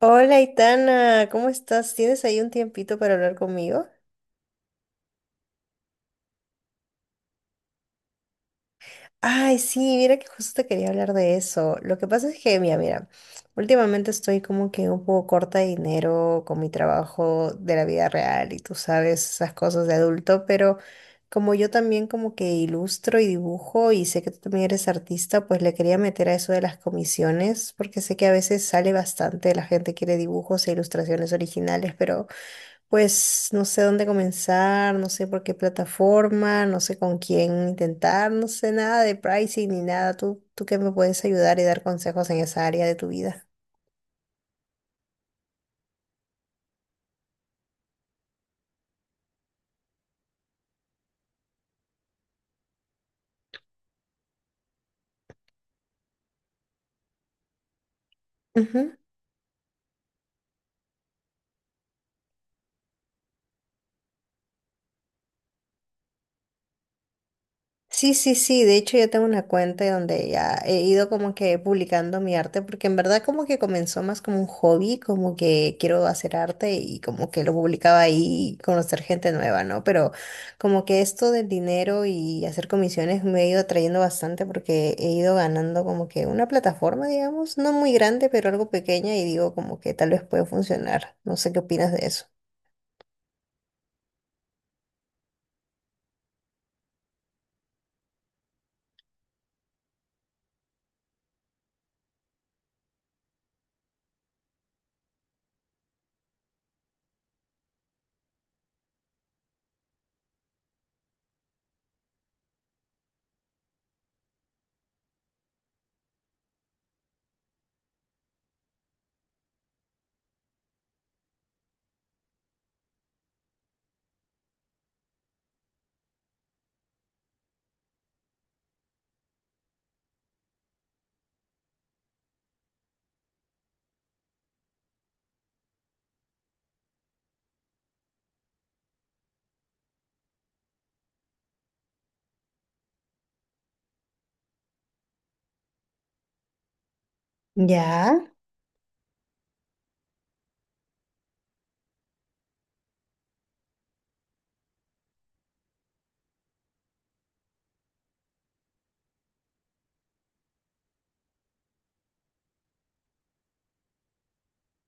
Hola, Itana, ¿cómo estás? ¿Tienes ahí un tiempito para hablar conmigo? Ay, sí, mira que justo te quería hablar de eso. Lo que pasa es que, mira, últimamente estoy como que un poco corta de dinero con mi trabajo de la vida real y tú sabes esas cosas de adulto, pero como yo también como que ilustro y dibujo y sé que tú también eres artista, pues le quería meter a eso de las comisiones, porque sé que a veces sale bastante, la gente quiere dibujos e ilustraciones originales, pero... Pues no sé dónde comenzar, no sé por qué plataforma, no sé con quién intentar, no sé nada de pricing ni nada. ¿Tú qué me puedes ayudar y dar consejos en esa área de tu vida? Sí, sí, sí, de hecho yo tengo una cuenta donde ya he ido como que publicando mi arte, porque en verdad como que comenzó más como un hobby, como que quiero hacer arte y como que lo publicaba ahí y conocer gente nueva, ¿no? Pero como que esto del dinero y hacer comisiones me ha ido atrayendo bastante porque he ido ganando como que una plataforma, digamos, no muy grande, pero algo pequeña y digo como que tal vez puede funcionar. No sé qué opinas de eso. Ya.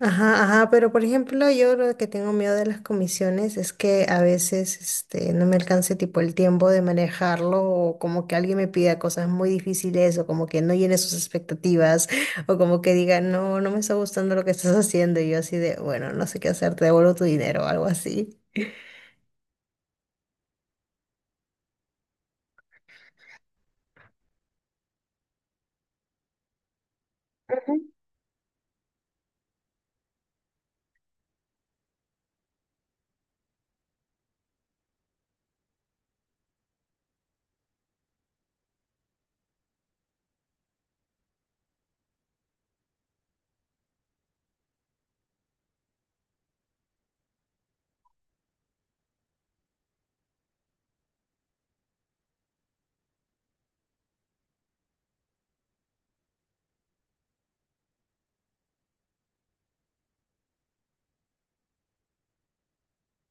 Ajá, ajá, pero por ejemplo, yo lo que tengo miedo de las comisiones es que a veces no me alcance tipo el tiempo de manejarlo o como que alguien me pida cosas muy difíciles o como que no llene sus expectativas o como que diga, no, no me está gustando lo que estás haciendo y yo así de, bueno, no sé qué hacer, te devuelvo tu dinero o algo así. Ujú.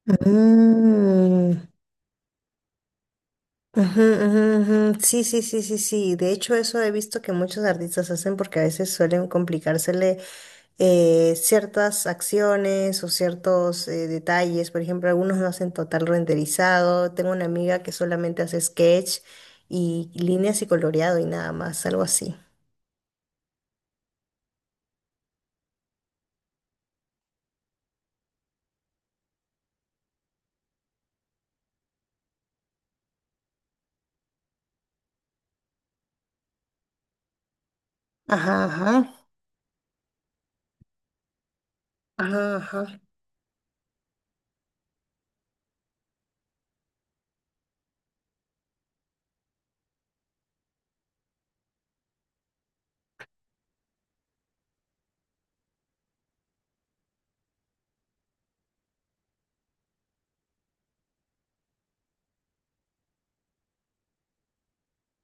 Mm, ujú, ujú, ujú. Sí, sí, sí, sí, sí. De hecho, eso he visto que muchos artistas hacen porque a veces suelen complicársele ciertas acciones o ciertos detalles. Por ejemplo, algunos no hacen total renderizado. Tengo una amiga que solamente hace sketch y líneas y coloreado y nada más, algo así. Ajá, ajá, ajá, ajá.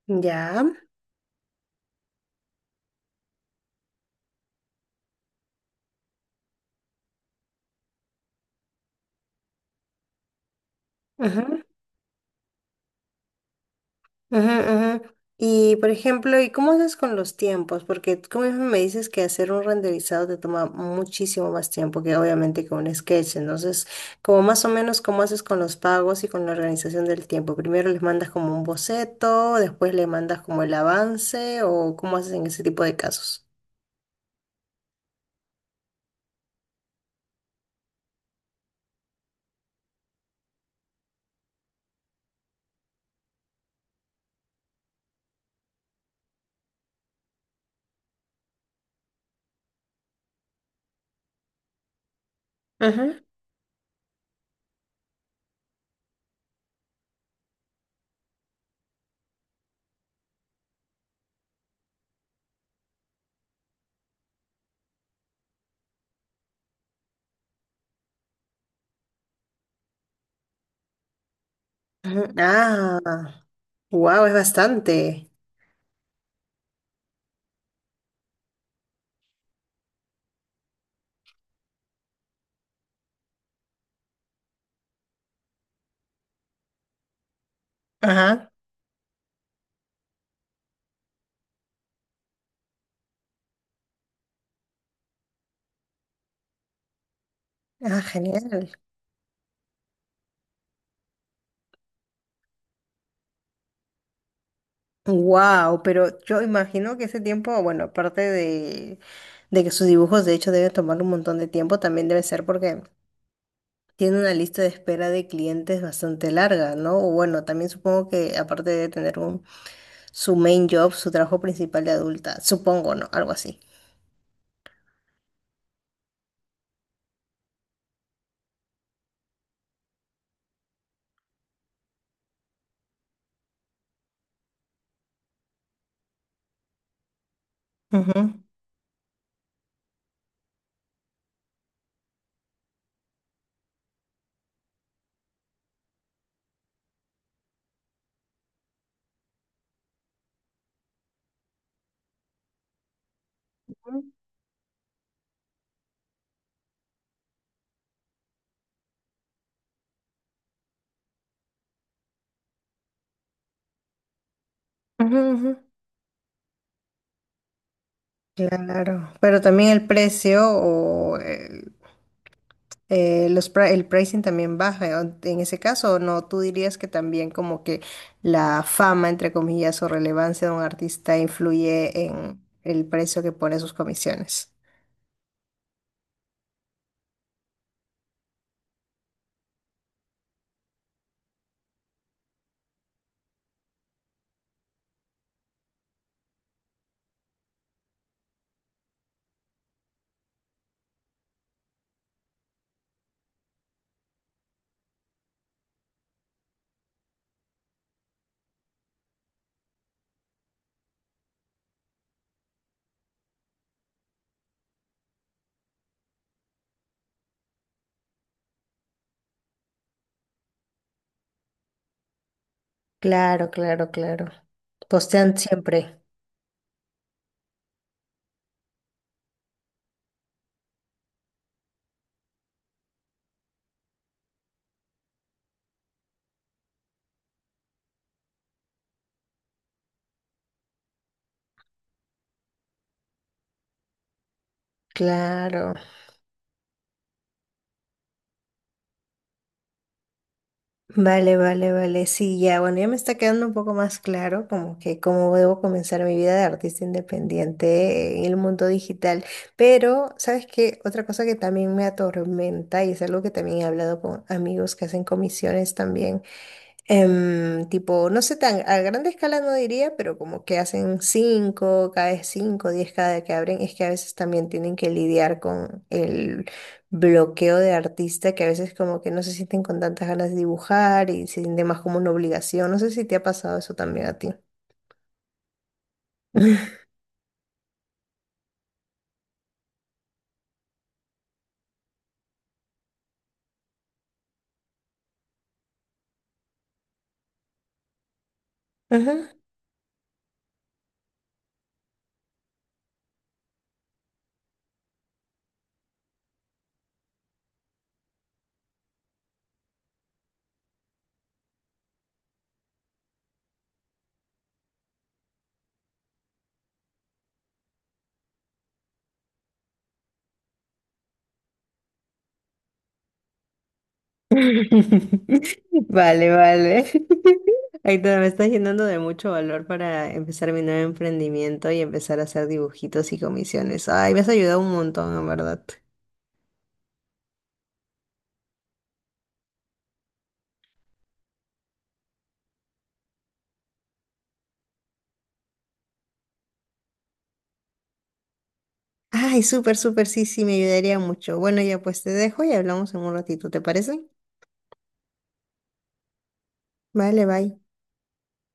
Ya. Ujú. Ujú, ujú. Y por ejemplo, ¿y cómo haces con los tiempos? Porque tú mismo me dices que hacer un renderizado te toma muchísimo más tiempo que obviamente que un sketch. Entonces, como más o menos, ¿cómo haces con los pagos y con la organización del tiempo? Primero les mandas como un boceto, después le mandas como el avance, o cómo haces en ese tipo de casos. Ujú. Ujú. Ah, wow, es bastante. Ajá, ah, genial. Wow, pero yo imagino que ese tiempo, bueno, aparte de que sus dibujos de hecho deben tomar un montón de tiempo, también debe ser porque tiene una lista de espera de clientes bastante larga, ¿no? O bueno, también supongo que aparte de tener un, su main job, su trabajo principal de adulta, supongo, ¿no? Algo así. Ujú. Ujú, ujú. Claro, pero también el precio o el- el pricing también baja. En ese caso, ¿no? ¿Tú dirías que también como que la fama, entre comillas, o relevancia de un artista influye en el precio que pone sus comisiones? Claro, claro, claro. Postean siempre. Claro. Vale, vale, vale. Sí, ya, bueno, ya me está quedando un poco más claro como que cómo debo comenzar mi vida de artista independiente en el mundo digital. Pero, ¿sabes qué? Otra cosa que también me atormenta y es algo que también he hablado con amigos que hacen comisiones también. Em, tipo, no sé, tan a grande escala no diría, pero como que hacen cinco, cada vez cinco, diez cada que abren, es que a veces también tienen que lidiar con el bloqueo de artista, que a veces como que no se sienten con tantas ganas de dibujar y se siente más como una obligación. No sé si te ha pasado eso también a ti. Ujú. Vale, vale. Aitor, me estás llenando de mucho valor para empezar mi nuevo emprendimiento y empezar a hacer dibujitos y comisiones. Ay, me has ayudado un montón, en verdad. Ay, súper, súper, sí, sí, me ayudaría mucho. Bueno, ya pues te dejo y hablamos en un ratito, ¿te parece? Vale, bye.